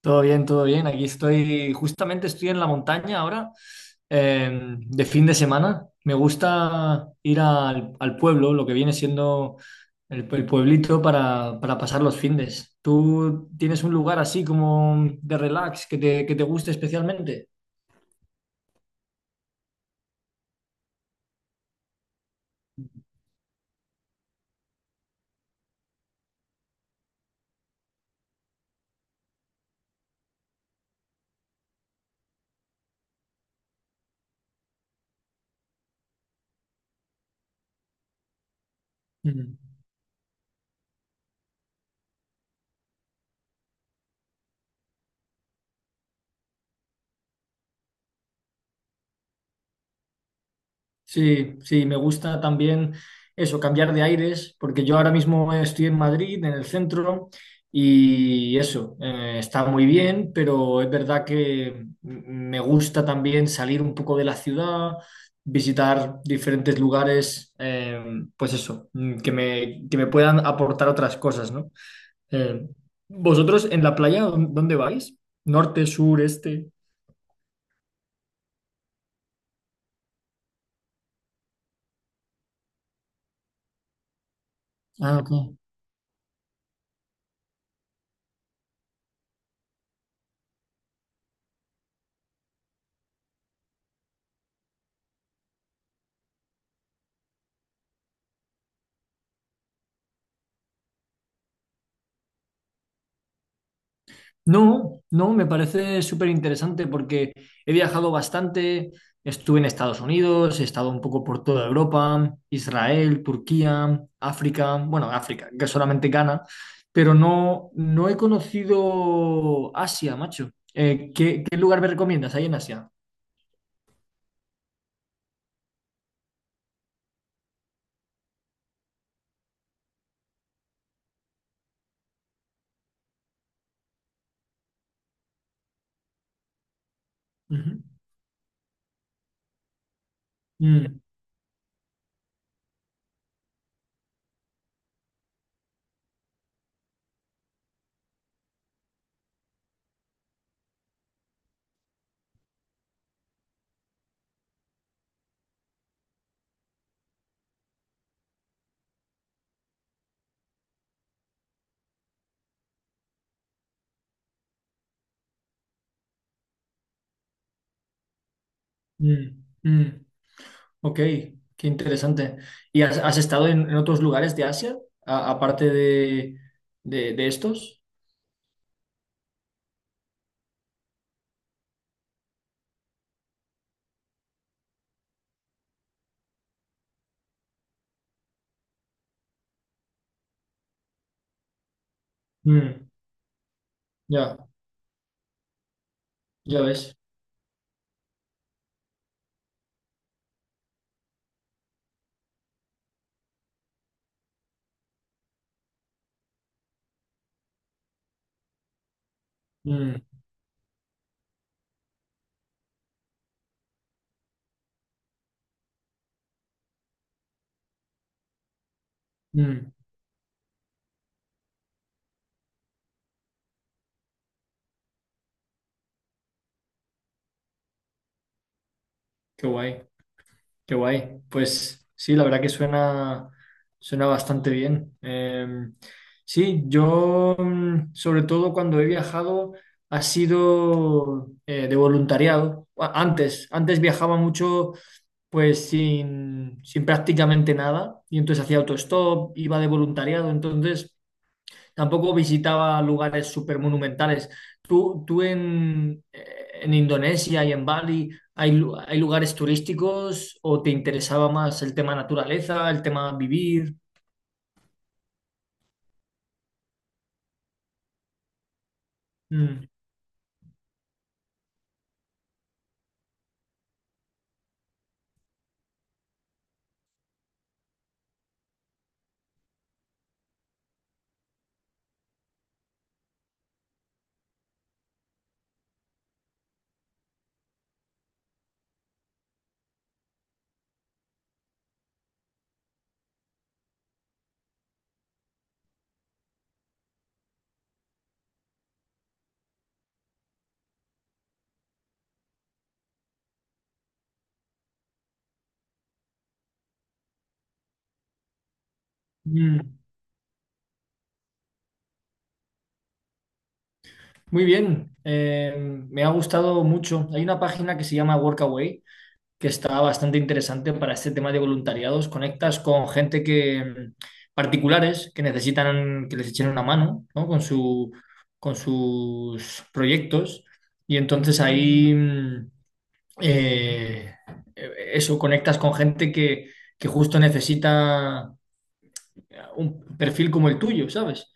Todo bien, todo bien. Aquí estoy, justamente estoy en la montaña ahora, de fin de semana. Me gusta ir al pueblo, lo que viene siendo el pueblito para pasar los findes. ¿Tú tienes un lugar así como de relax que te guste especialmente? Sí, sí, me gusta también eso, cambiar de aires, porque yo ahora mismo estoy en Madrid, en el centro, y eso, está muy bien, pero es verdad que me gusta también salir un poco de la ciudad, visitar diferentes lugares, pues eso, que me puedan aportar otras cosas, ¿no? Eh, ¿Vosotros en la playa, dónde vais? ¿Norte, sur, este? Ah, ok. No, no, me parece súper interesante porque he viajado bastante, estuve en Estados Unidos, he estado un poco por toda Europa, Israel, Turquía, África, bueno, África, que solamente Ghana, pero no, no he conocido Asia, macho. ¿Qué lugar me recomiendas ahí en Asia? Ujú. Mm, mm, mm. Ok, qué interesante. ¿Y has estado en otros lugares de Asia, aparte de estos? Mm, ya. Ya ves. Mm, mm, qué guay, qué guay. Pues sí, la verdad que suena, suena bastante bien. Sí, yo sobre todo cuando he viajado ha sido de voluntariado. Antes, antes viajaba mucho pues sin, sin prácticamente nada y entonces hacía autostop, iba de voluntariado, entonces... Tampoco visitaba lugares súper monumentales. Tú en Indonesia y en Bali, ¿hay, hay lugares turísticos o te interesaba más el tema naturaleza, el tema vivir? Mm, mm. Muy bien, me ha gustado mucho. Hay una página que se llama Workaway que está bastante interesante para este tema de voluntariados. Conectas con gente que particulares que necesitan que les echen una mano, ¿no? Con su, con sus proyectos y entonces ahí eh, eso conectas con gente que justo necesita un perfil como el tuyo, ¿sabes?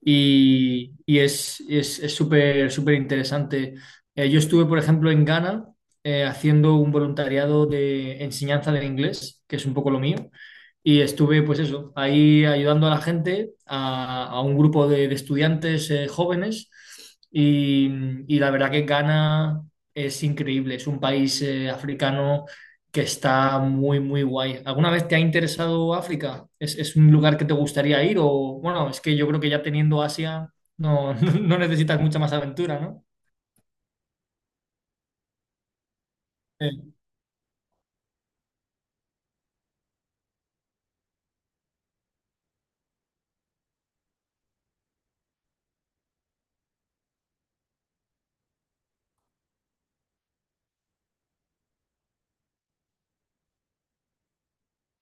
Y es súper súper interesante. Yo estuve, por ejemplo, en Ghana haciendo un voluntariado de enseñanza del inglés, que es un poco lo mío. Y estuve, pues eso, ahí ayudando a la gente, a un grupo de estudiantes jóvenes. Y, y la verdad que Ghana es increíble, es un país africano que está muy, muy guay. ¿Alguna vez te ha interesado África? Es un lugar que te gustaría ir? O bueno, es que yo creo que ya teniendo Asia no, no necesitas mucha más aventura, ¿no? Sí.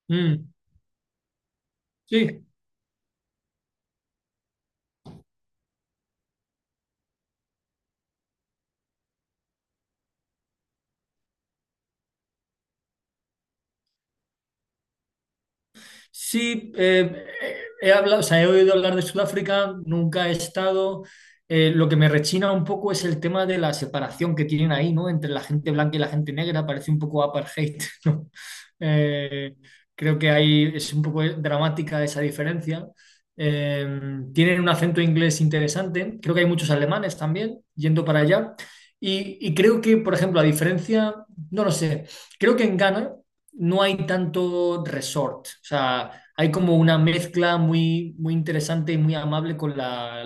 Mm, sí. Sí, he hablado, o sea, he oído hablar de Sudáfrica, nunca he estado. Lo que me rechina un poco es el tema de la separación que tienen ahí, ¿no? Entre la gente blanca y la gente negra, parece un poco apartheid, ¿no? Eh, creo que ahí es un poco dramática esa diferencia. Eh, tienen un acento inglés interesante, creo que hay muchos alemanes también yendo para allá. Y creo que, por ejemplo, a diferencia, no lo sé, creo que en Ghana no hay tanto resort, o sea, hay como una mezcla muy, muy interesante y muy amable con la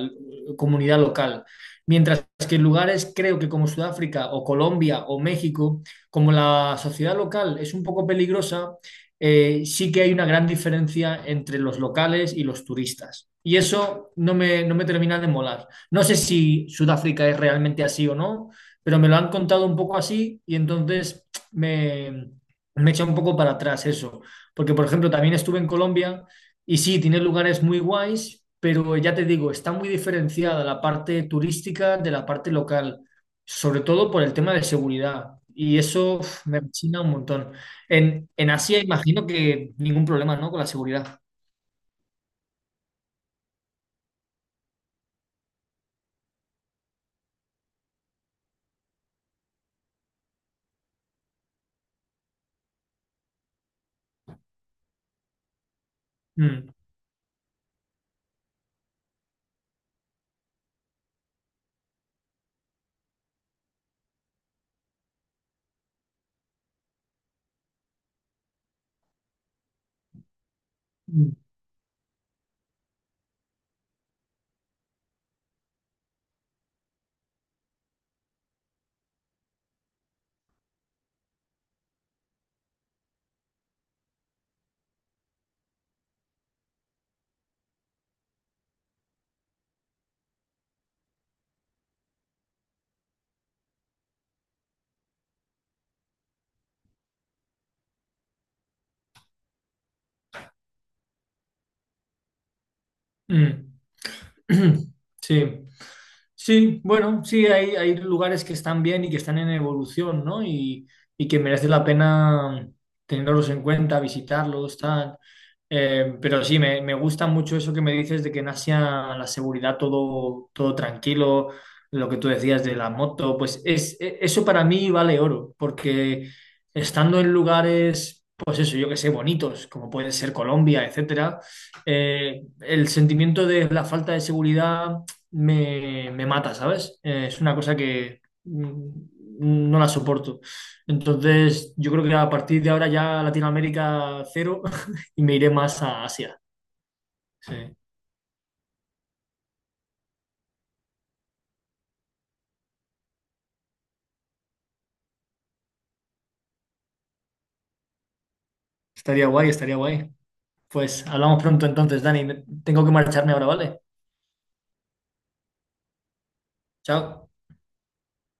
comunidad local. Mientras que en lugares, creo que como Sudáfrica o Colombia o México, como la sociedad local es un poco peligrosa, sí que hay una gran diferencia entre los locales y los turistas. Y eso no me termina de molar. No sé si Sudáfrica es realmente así o no, pero me lo han contado un poco así y entonces me, me echa un poco para atrás eso, porque por ejemplo también estuve en Colombia y sí, tiene lugares muy guays, pero ya te digo, está muy diferenciada la parte turística de la parte local, sobre todo por el tema de seguridad. Y eso uf, me china un montón. En Asia imagino que ningún problema, ¿no? Con la seguridad. Mm, mm, mm. Sí. Sí, bueno, sí, hay lugares que están bien y que están en evolución, ¿no? Y que merece la pena tenerlos en cuenta, visitarlos, tal. Pero sí, me gusta mucho eso que me dices de que en Asia la seguridad todo, todo tranquilo, lo que tú decías de la moto, pues es, eso para mí vale oro, porque estando en lugares, pues eso, yo que sé, bonitos, como puede ser Colombia, etcétera el sentimiento de la falta de seguridad me, me mata, ¿sabes? Es una cosa que no la soporto. Entonces, yo creo que a partir de ahora ya Latinoamérica cero y me iré más a Asia. Sí. Estaría guay, estaría guay. Pues hablamos pronto entonces, Dani. Tengo que marcharme ahora, ¿vale? Chao.